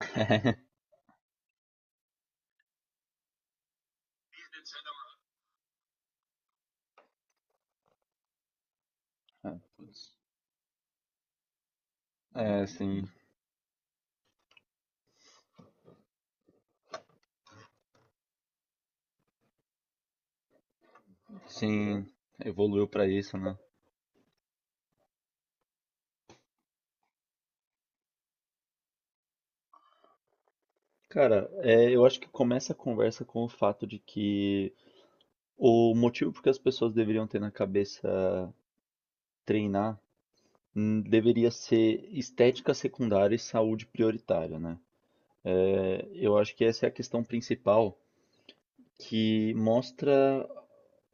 É, putz. É, sim, sim, evoluiu pra isso, né? Cara, eu acho que começa a conversa com o fato de que o motivo porque as pessoas deveriam ter na cabeça treinar deveria ser estética secundária e saúde prioritária, né? Eu acho que essa é a questão principal que mostra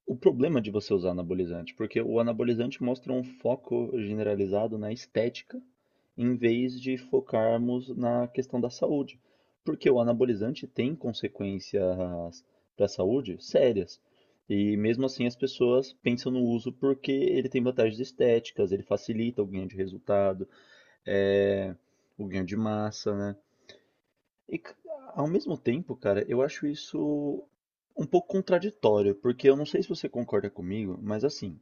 o problema de você usar anabolizante, porque o anabolizante mostra um foco generalizado na estética, em vez de focarmos na questão da saúde. Porque o anabolizante tem consequências para a saúde sérias. E mesmo assim as pessoas pensam no uso porque ele tem vantagens estéticas, ele facilita o ganho de resultado, eh, o ganho de massa, né? E, ca- Ao mesmo tempo, cara, eu acho isso um pouco contraditório, porque eu não sei se você concorda comigo, mas assim,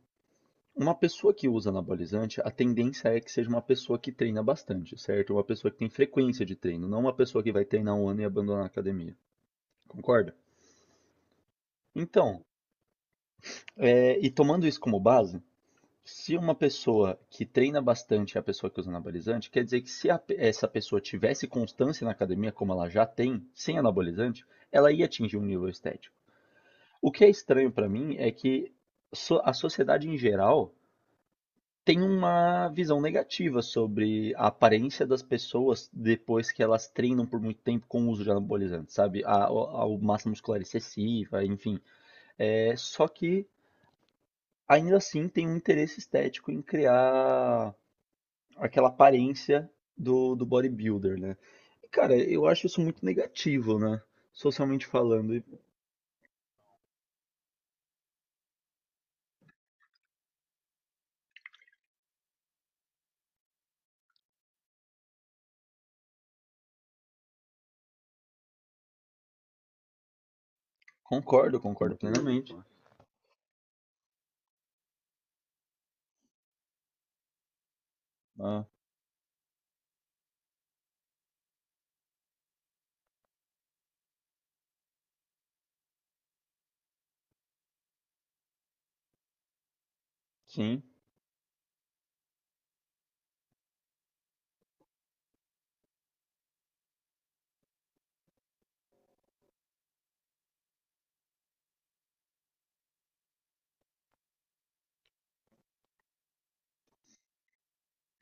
uma pessoa que usa anabolizante, a tendência é que seja uma pessoa que treina bastante, certo? Uma pessoa que tem frequência de treino, não uma pessoa que vai treinar um ano e abandonar a academia. Concorda? Então, e tomando isso como base, se uma pessoa que treina bastante é a pessoa que usa anabolizante, quer dizer que se a pe- essa pessoa tivesse constância na academia, como ela já tem, sem anabolizante, ela ia atingir um nível estético. O que é estranho pra mim é que a sociedade em geral tem uma visão negativa sobre a aparência das pessoas depois que elas treinam por muito tempo com o uso de anabolizantes, sabe? A massa muscular excessiva, enfim. É, só que ainda assim tem um interesse estético em criar aquela aparência do bodybuilder, né? E, cara, eu acho isso muito negativo, né? Socialmente falando. E concordo, concordo plenamente. Ah, sim.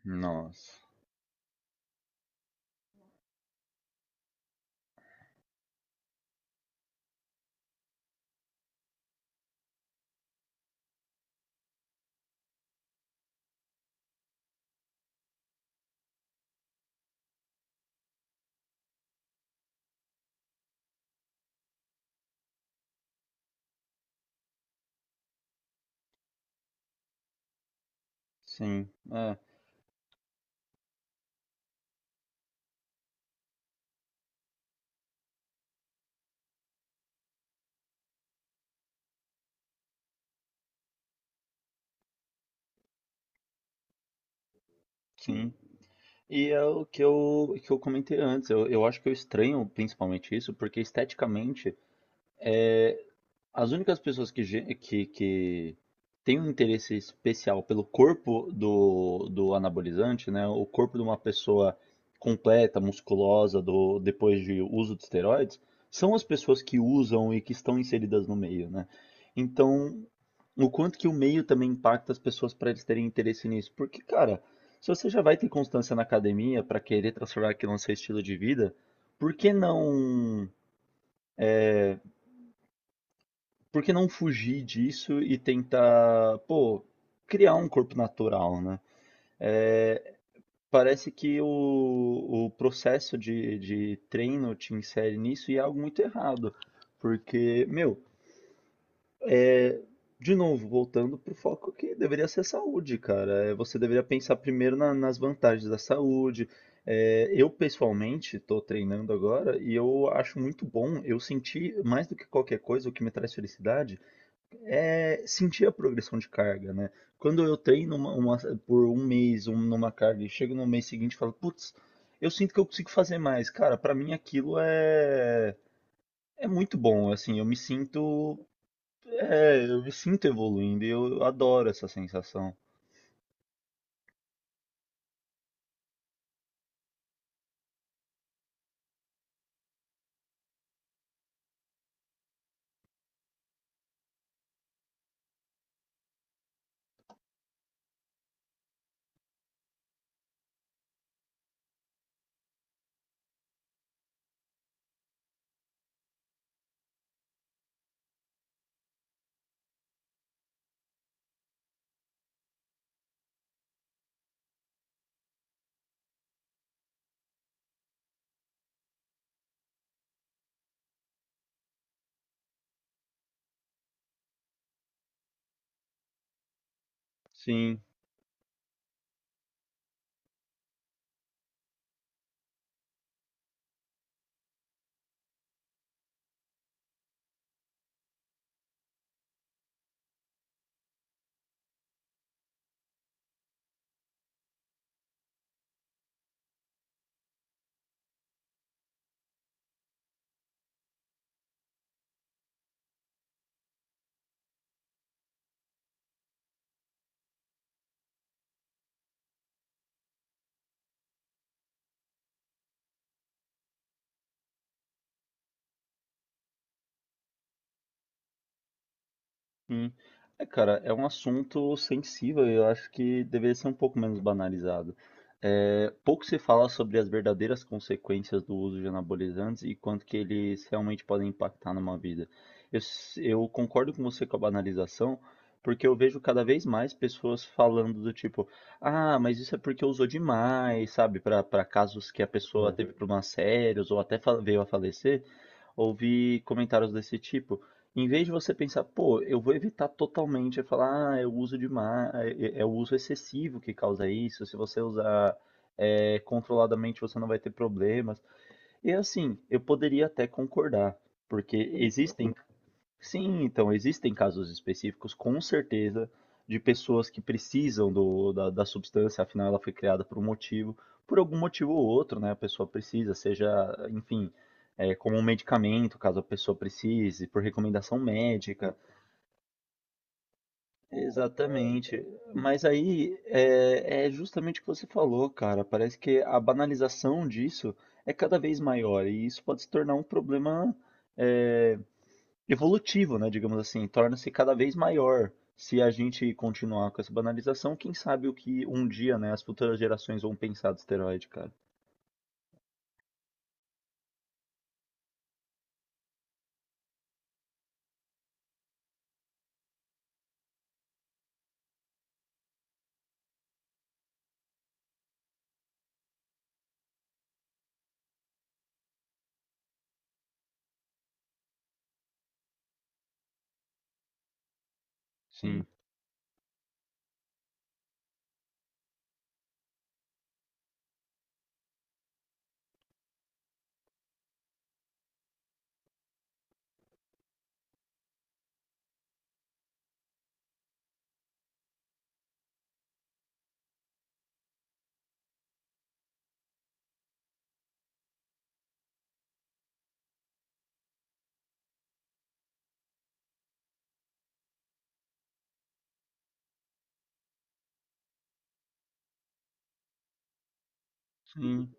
Nossa. Sim, é, sim. E é o que eu comentei antes. Eu acho que eu estranho principalmente isso, porque esteticamente é, as únicas pessoas que, que têm um interesse especial pelo corpo do anabolizante, né? O corpo de uma pessoa completa, musculosa, do, depois de uso de esteroides, são as pessoas que usam e que estão inseridas no meio, né? Então, o quanto que o meio também impacta as pessoas para eles terem interesse nisso. Porque, cara, se você já vai ter constância na academia para querer transformar aquilo no seu estilo de vida, por que não por que não fugir disso e tentar, pô, criar um corpo natural, né? É, parece que o processo de treino te insere nisso e é algo muito errado. Porque, meu, de novo, voltando pro foco que deveria ser saúde, cara. É, você deveria pensar primeiro nas vantagens da saúde. É, eu, pessoalmente, estou treinando agora e eu acho muito bom. Eu senti, mais do que qualquer coisa, o que me traz felicidade é sentir a progressão de carga, né? Quando eu treino por um mês um, numa carga e chego no mês seguinte e falo, putz, eu sinto que eu consigo fazer mais. Cara, pra mim aquilo é, é muito bom, assim, eu me sinto, é, eu me sinto evoluindo e eu adoro essa sensação. Sim. Hum. É, cara, é um assunto sensível e eu acho que deveria ser um pouco menos banalizado. É, pouco se fala sobre as verdadeiras consequências do uso de anabolizantes e quanto que eles realmente podem impactar numa vida. Eu concordo com você com a banalização, porque eu vejo cada vez mais pessoas falando do tipo, ah, mas isso é porque usou demais, sabe? Para casos que a pessoa Uhum. teve Uhum. problemas sérios ou veio a falecer ouvir comentários desse tipo. Em vez de você pensar, pô, eu vou evitar totalmente, é falar, ah, é o uso demais, é é o uso excessivo que causa isso, se você usar é, controladamente você não vai ter problemas. E assim, eu poderia até concordar, porque existem sim, então existem casos específicos, com certeza, de pessoas que precisam da substância, afinal ela foi criada por um motivo, por algum motivo ou outro, né? A pessoa precisa, seja, enfim, é, como um medicamento, caso a pessoa precise, por recomendação médica. Exatamente. Mas aí é, é justamente o que você falou, cara. Parece que a banalização disso é cada vez maior e isso pode se tornar um problema é, evolutivo, né, digamos assim, torna-se cada vez maior. Se a gente continuar com essa banalização, quem sabe o que um dia, né, as futuras gerações vão pensar do esteroide, cara. Sim, sim,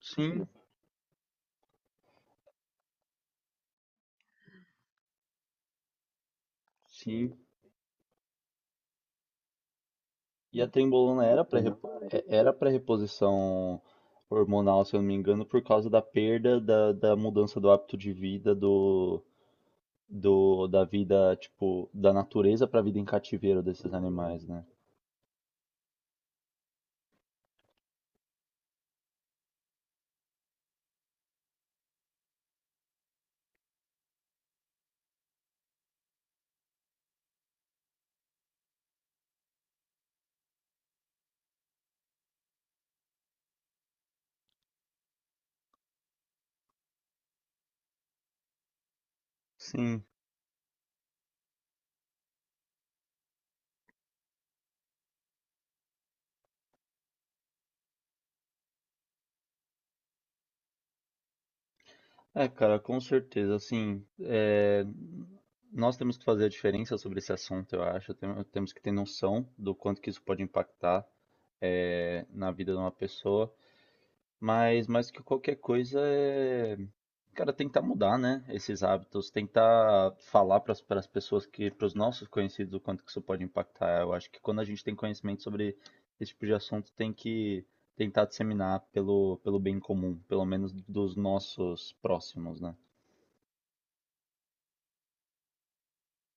sim, sim. E a trembolona era para era para reposição hormonal, se eu não me engano, por causa da perda da, da mudança do hábito de vida do, da vida, tipo, da natureza para a vida em cativeiro desses animais, né? Sim. É, cara, com certeza. Assim, é, nós temos que fazer a diferença sobre esse assunto, eu acho. Temos que ter noção do quanto que isso pode impactar, é, na vida de uma pessoa. Mas mais que qualquer coisa, é, cara, tentar mudar, né, esses hábitos, tentar falar para as pessoas que, para os nossos conhecidos, o quanto que isso pode impactar. Eu acho que quando a gente tem conhecimento sobre esse tipo de assunto, tem que tentar disseminar pelo bem comum, pelo menos dos nossos próximos, né?